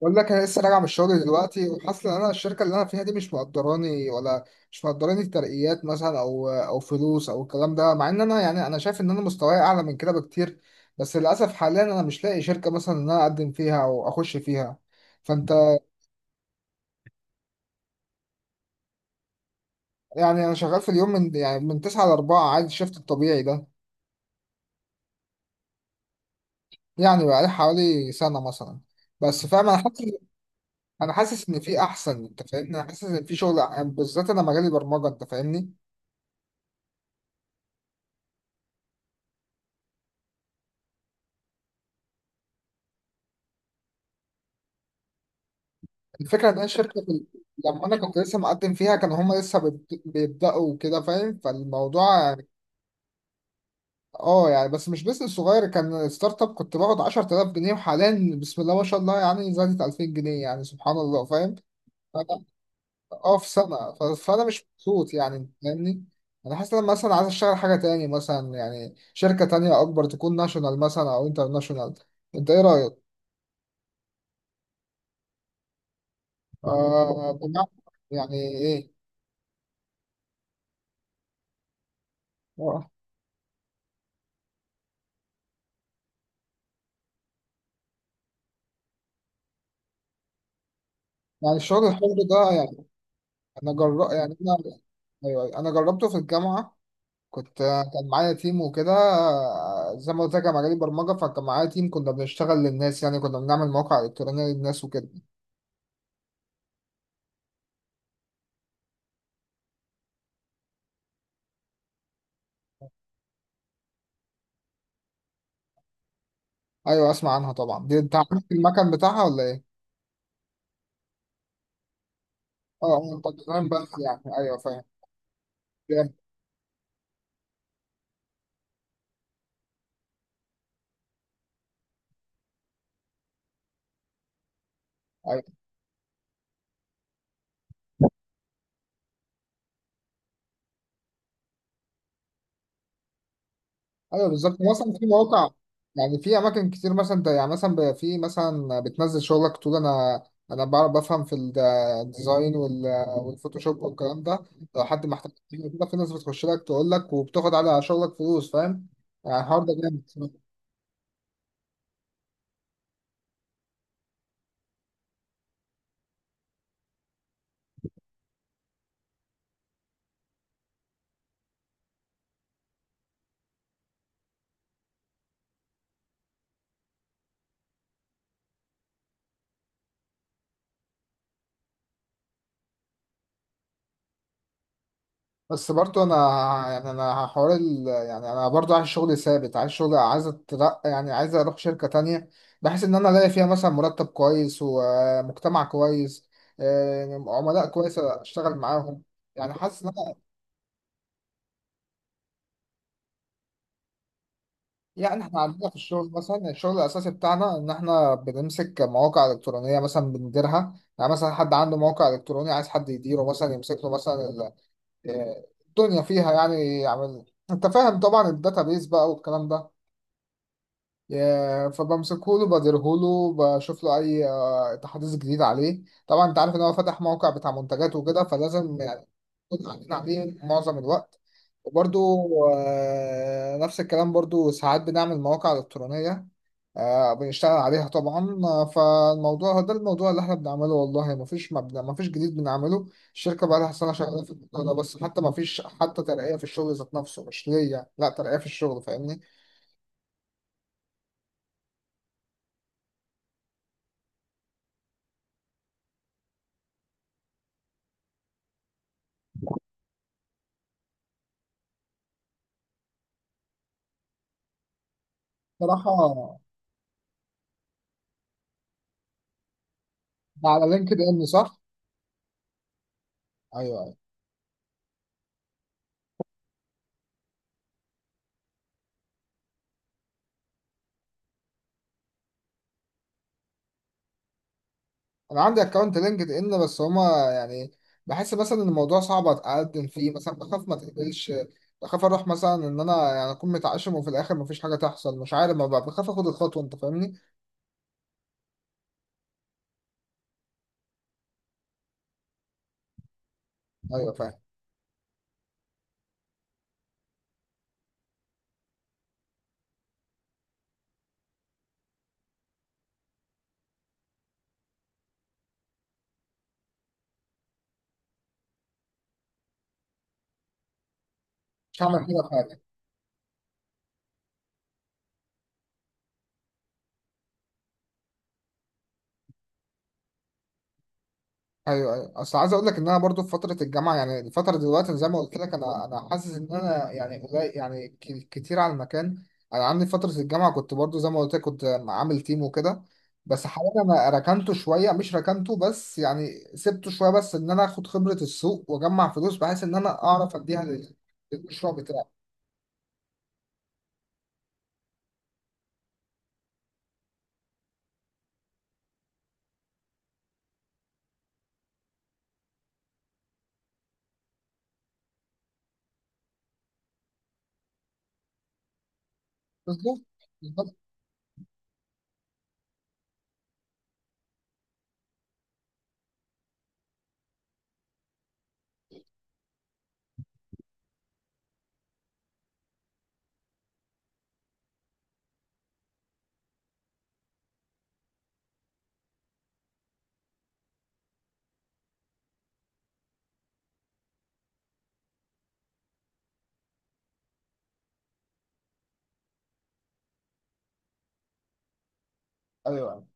بقول لك انا لسه راجع من الشغل دلوقتي وحاسس ان انا الشركه اللي انا فيها دي مش مقدراني ترقيات مثلا او فلوس او الكلام ده، مع ان انا يعني انا شايف ان انا مستواي اعلى من كده بكتير. بس للاسف حاليا انا مش لاقي شركه مثلا ان انا اقدم فيها او اخش فيها. فانت. يعني انا شغال في اليوم من 9 ل 4، عادي الشفت الطبيعي ده. يعني بقالي حوالي سنه مثلا. بس فاهم، انا حاسس ان في احسن، انت فاهمني؟ انا حاسس ان في شغل بالذات، انا مجالي برمجه، انت فاهمني. الفكرة إن هي الشركة في... لما أنا كنت لسه مقدم فيها كانوا هما لسه بيبدأوا كده، فاهم؟ فالموضوع يعني، اه يعني بس مش بيزنس صغير، كان ستارت اب. كنت باخد 10000 جنيه، وحاليا بسم الله ما شاء الله يعني زادت 2000 جنيه، يعني سبحان الله، فاهم. فأنا- اه، في سنة، فأنا مش مبسوط يعني، أنت فاهمني. أنا حاسس إن أنا مثلا عايز أشتغل حاجة تاني، مثلا يعني شركة تانية أكبر، تكون ناشونال مثلا أو انترناشونال. أنت إيه رأيك؟ آه، بمعنى يعني إيه؟ آه. يعني الشغل الحر ده يعني يعني انا. أيوة، انا جربته في الجامعه. كنت كان معايا تيم وكده. زي ما قلت لك، انا مجالي برمجه، فكان معايا تيم كنا بنشتغل للناس، يعني كنا بنعمل مواقع الكترونيه للناس وكده. ايوه اسمع عنها طبعا. دي انت عارف المكان بتاعها ولا ايه؟ اه، آه، انت تمام بس، يعني ايوه فاهم. فاهم. ايوه، ايوه، بالظبط. مثلا في مواقع، يعني في اماكن كتير، مثلا ده يعني مثلا في، مثلا بتنزل شغلك تقول انا، انا بعرف بفهم في الديزاين والفوتوشوب والكلام ده. لو حد محتاج حاجة كده في ناس بتخش لك تقول لك وبتاخد على شغلك فلوس، فاهم. يعني الحوار ده جامد. بس برضو انا، يعني انا يعني انا برضو عايز شغل ثابت، عايز شغل، عايز اترقى، يعني عايز اروح شركة تانية. بحيث ان انا الاقي فيها مثلا مرتب كويس ومجتمع كويس، عملاء كويسة اشتغل معاهم. يعني حاسس ان انا. يعني احنا عندنا في الشغل مثلا، الشغل الاساسي بتاعنا ان احنا بنمسك مواقع الكترونية مثلا بنديرها. يعني مثلا حد عنده موقع الكتروني عايز حد يديره، مثلا يمسك له مثلا الدنيا فيها، يعني يعمل، انت فاهم طبعا الداتابيز بقى والكلام ده. فبمسكهوله بديرهوله بشوف له اي تحديث جديد عليه. طبعا انت عارف ان هو فتح موقع بتاع منتجات وكده، فلازم يعني نكون قاعدين عليه معظم الوقت. وبرضو نفس الكلام، برضو ساعات بنعمل مواقع إلكترونية، بنشتغل عليها طبعا، فالموضوع ده الموضوع اللي احنا بنعمله، والله مفيش مبنى، مفيش جديد بنعمله. الشركة بقى لها سنة شغالة في الموضوع ده، بس حتى مفيش حتى ترقية في الشغل ذات نفسه مش ليا، لا ترقية في الشغل، فاهمني. صراحة. ده على لينكد ان صح؟ ايوه ايوه. انا عندي اكونت لينكد ان، بس هما يعني بحس مثلا ان الموضوع صعب اتقدم فيه، مثلا بخاف ما تقبلش، بخاف اروح مثلا ان انا يعني اكون متعشم وفي الاخر مفيش حاجه تحصل، مش عارف، ما بخاف اخد الخطوه، انت فاهمني؟ ايوه فاهم. مش هعمل حاجه. ايوه ايوه. اصل عايز اقول لك ان انا برضو في فتره الجامعه، يعني الفتره دلوقتي أنا زي ما قلت لك، انا حاسس ان انا يعني قليل، يعني كتير على المكان. انا عندي فتره الجامعه كنت برضو زي ما قلت لك، كنت عامل تيم وكده. بس حاليا انا ركنته شويه، مش ركنته بس يعني سبته شويه، بس ان انا اخد خبره السوق واجمع فلوس، بحيث ان انا اعرف اديها للمشروع بتاعي. بالظبط. بالظبط. ايوه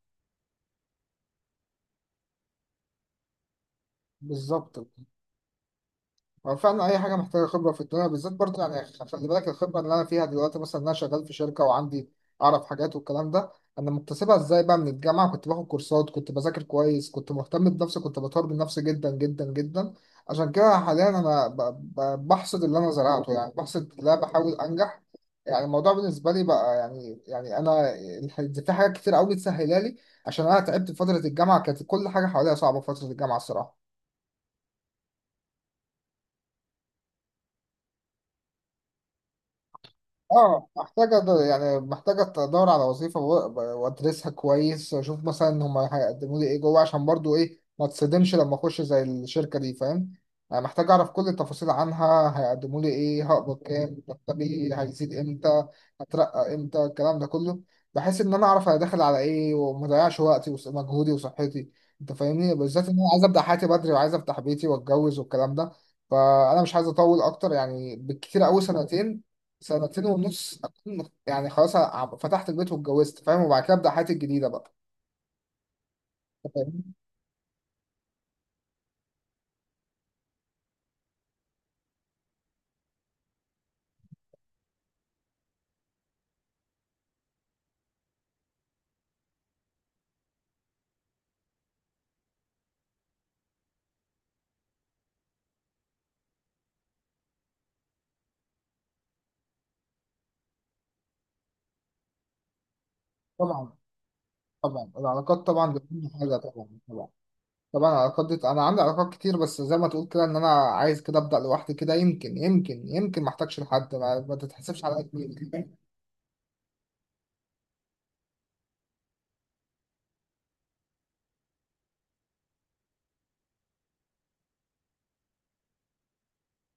بالظبط. هو فعلا أي حاجة محتاجة خبرة في الدنيا، بالذات برضه، يعني خلي بالك، الخبرة اللي أنا فيها دلوقتي مثلا إن أنا شغال في شركة وعندي أعرف حاجات والكلام ده، أنا مكتسبها إزاي بقى؟ من الجامعة كنت باخد كورسات، كنت بذاكر كويس، كنت مهتم بنفسي، كنت بطور من نفسي جدا جدا جدا. عشان كده حاليا أنا بحصد اللي أنا زرعته، يعني بحصد اللي أنا بحاول أنجح. يعني الموضوع بالنسبة لي بقى يعني، يعني أنا في حاجات كتير أوي تسهلها لي، عشان أنا تعبت في فترة الجامعة، كانت كل حاجة حواليا صعبة في فترة الجامعة الصراحة. اه، محتاجة يعني محتاجة أدور على وظيفة وأدرسها كويس وأشوف مثلا هما هيقدموا لي إيه جوه، عشان برضو إيه، ما تصدمش لما أخش زي الشركة دي، فاهم؟ يعني محتاج أعرف كل التفاصيل عنها، هيقدموا لي إيه، هقبض كام، مرتبي هيزيد إمتى، هترقى إمتى، الكلام ده كله. بحيث إن أنا أعرف أنا داخل على إيه، ومضيعش وقتي ومجهودي وصحتي، أنت فاهمني؟ بالذات إن أنا عايز أبدأ حياتي بدري، وعايز أفتح بيتي وأتجوز والكلام ده. فأنا مش عايز أطول أكتر، يعني بالكتير أوي سنتين، سنتين ونص أكون يعني خلاص فتحت البيت واتجوزت، فاهم. وبعد كده أبدأ حياتي الجديدة بقى. فاهم؟ طبعا. طبعا العلاقات طبعا بتكون حاجة، طبعا طبعا. طبعا العلاقات دي أنا عندي علاقات كتير، بس زي ما تقول كده إن أنا عايز كده أبدأ لوحدي كده، يمكن يمكن يمكن ما أحتاجش لحد، ما تتحسبش على كتير.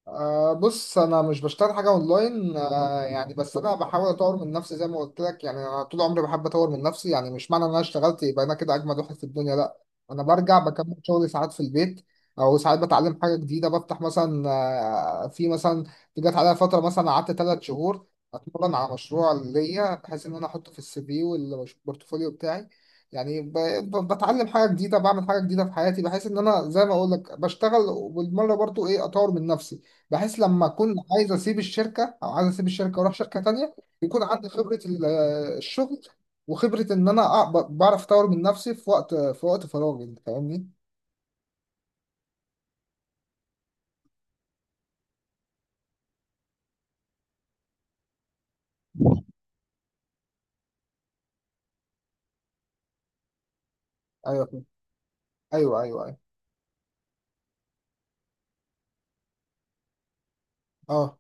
أه بص، انا مش بشتغل حاجه اونلاين، أه يعني، بس انا بحاول اطور من نفسي زي ما قلت لك. يعني انا طول عمري بحب اطور من نفسي، يعني مش معنى ان انا اشتغلت يبقى انا كده اجمد واحد في الدنيا، لا. انا برجع بكمل شغلي ساعات في البيت، او ساعات بتعلم حاجه جديده، بفتح مثلا. أه، في مثلا جت عليا فتره مثلا قعدت ثلاث شهور اتمرن على مشروع ليا بحيث ان انا احطه في السي في والبورتفوليو بتاعي. يعني بتعلم حاجه جديده، بعمل حاجه جديده في حياتي، بحيث ان انا زي ما اقول لك بشتغل وبالمره برضو ايه اطور من نفسي، بحيث لما اكون عايز اسيب الشركه او عايز اسيب الشركه واروح شركه تانية، يكون عندي خبره الشغل، وخبره ان انا بعرف اطور من نفسي في وقت، في وقت فراغي، انت فاهمني؟ ايوه ايوه ايوه. ايوه. اه.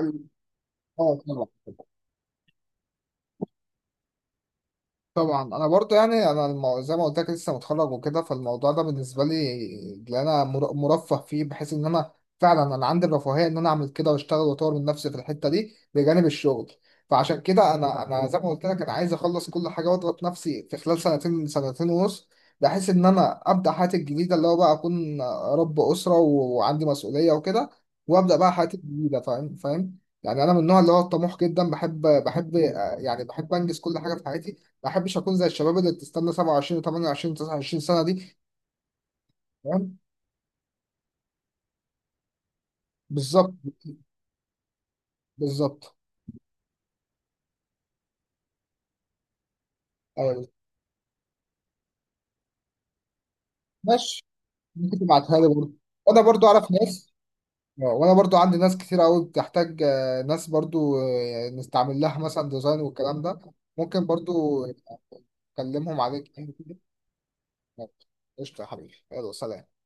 أيوه، اه طبعا. طبعا انا برضو يعني انا زي ما قلت لك لسه متخرج وكده، فالموضوع ده بالنسبه لي اللي انا مرفه فيه، بحيث ان انا فعلا انا عندي الرفاهيه ان انا اعمل كده واشتغل واطور من نفسي في الحته دي بجانب الشغل. فعشان كده انا زي ما قلت لك، انا عايز اخلص كل حاجه واضغط نفسي في خلال سنتين، سنتين ونص، بحيث ان انا ابدا حياتي الجديده، اللي هو بقى اكون رب اسره وعندي مسؤوليه وكده، وابدا بقى حياتي الجديده. فاهم. فاهم. يعني انا من النوع اللي هو الطموح جدا، بحب يعني بحب انجز كل حاجه في حياتي، ما احبش اكون زي الشباب اللي بتستنى 27 و28 29 سنه دي. تمام. بالظبط. بالظبط. ايوه. ماشي. ممكن تبعتها لي برضه، وانا برضه اعرف ناس. وانا برضه عندي ناس كتير قوي بتحتاج، ناس، برضه نستعمل لها مثلا ديزاين والكلام ده. ممكن برضه اكلمهم عليك يعني كده. قشطه يا حبيبي، يلا سلام.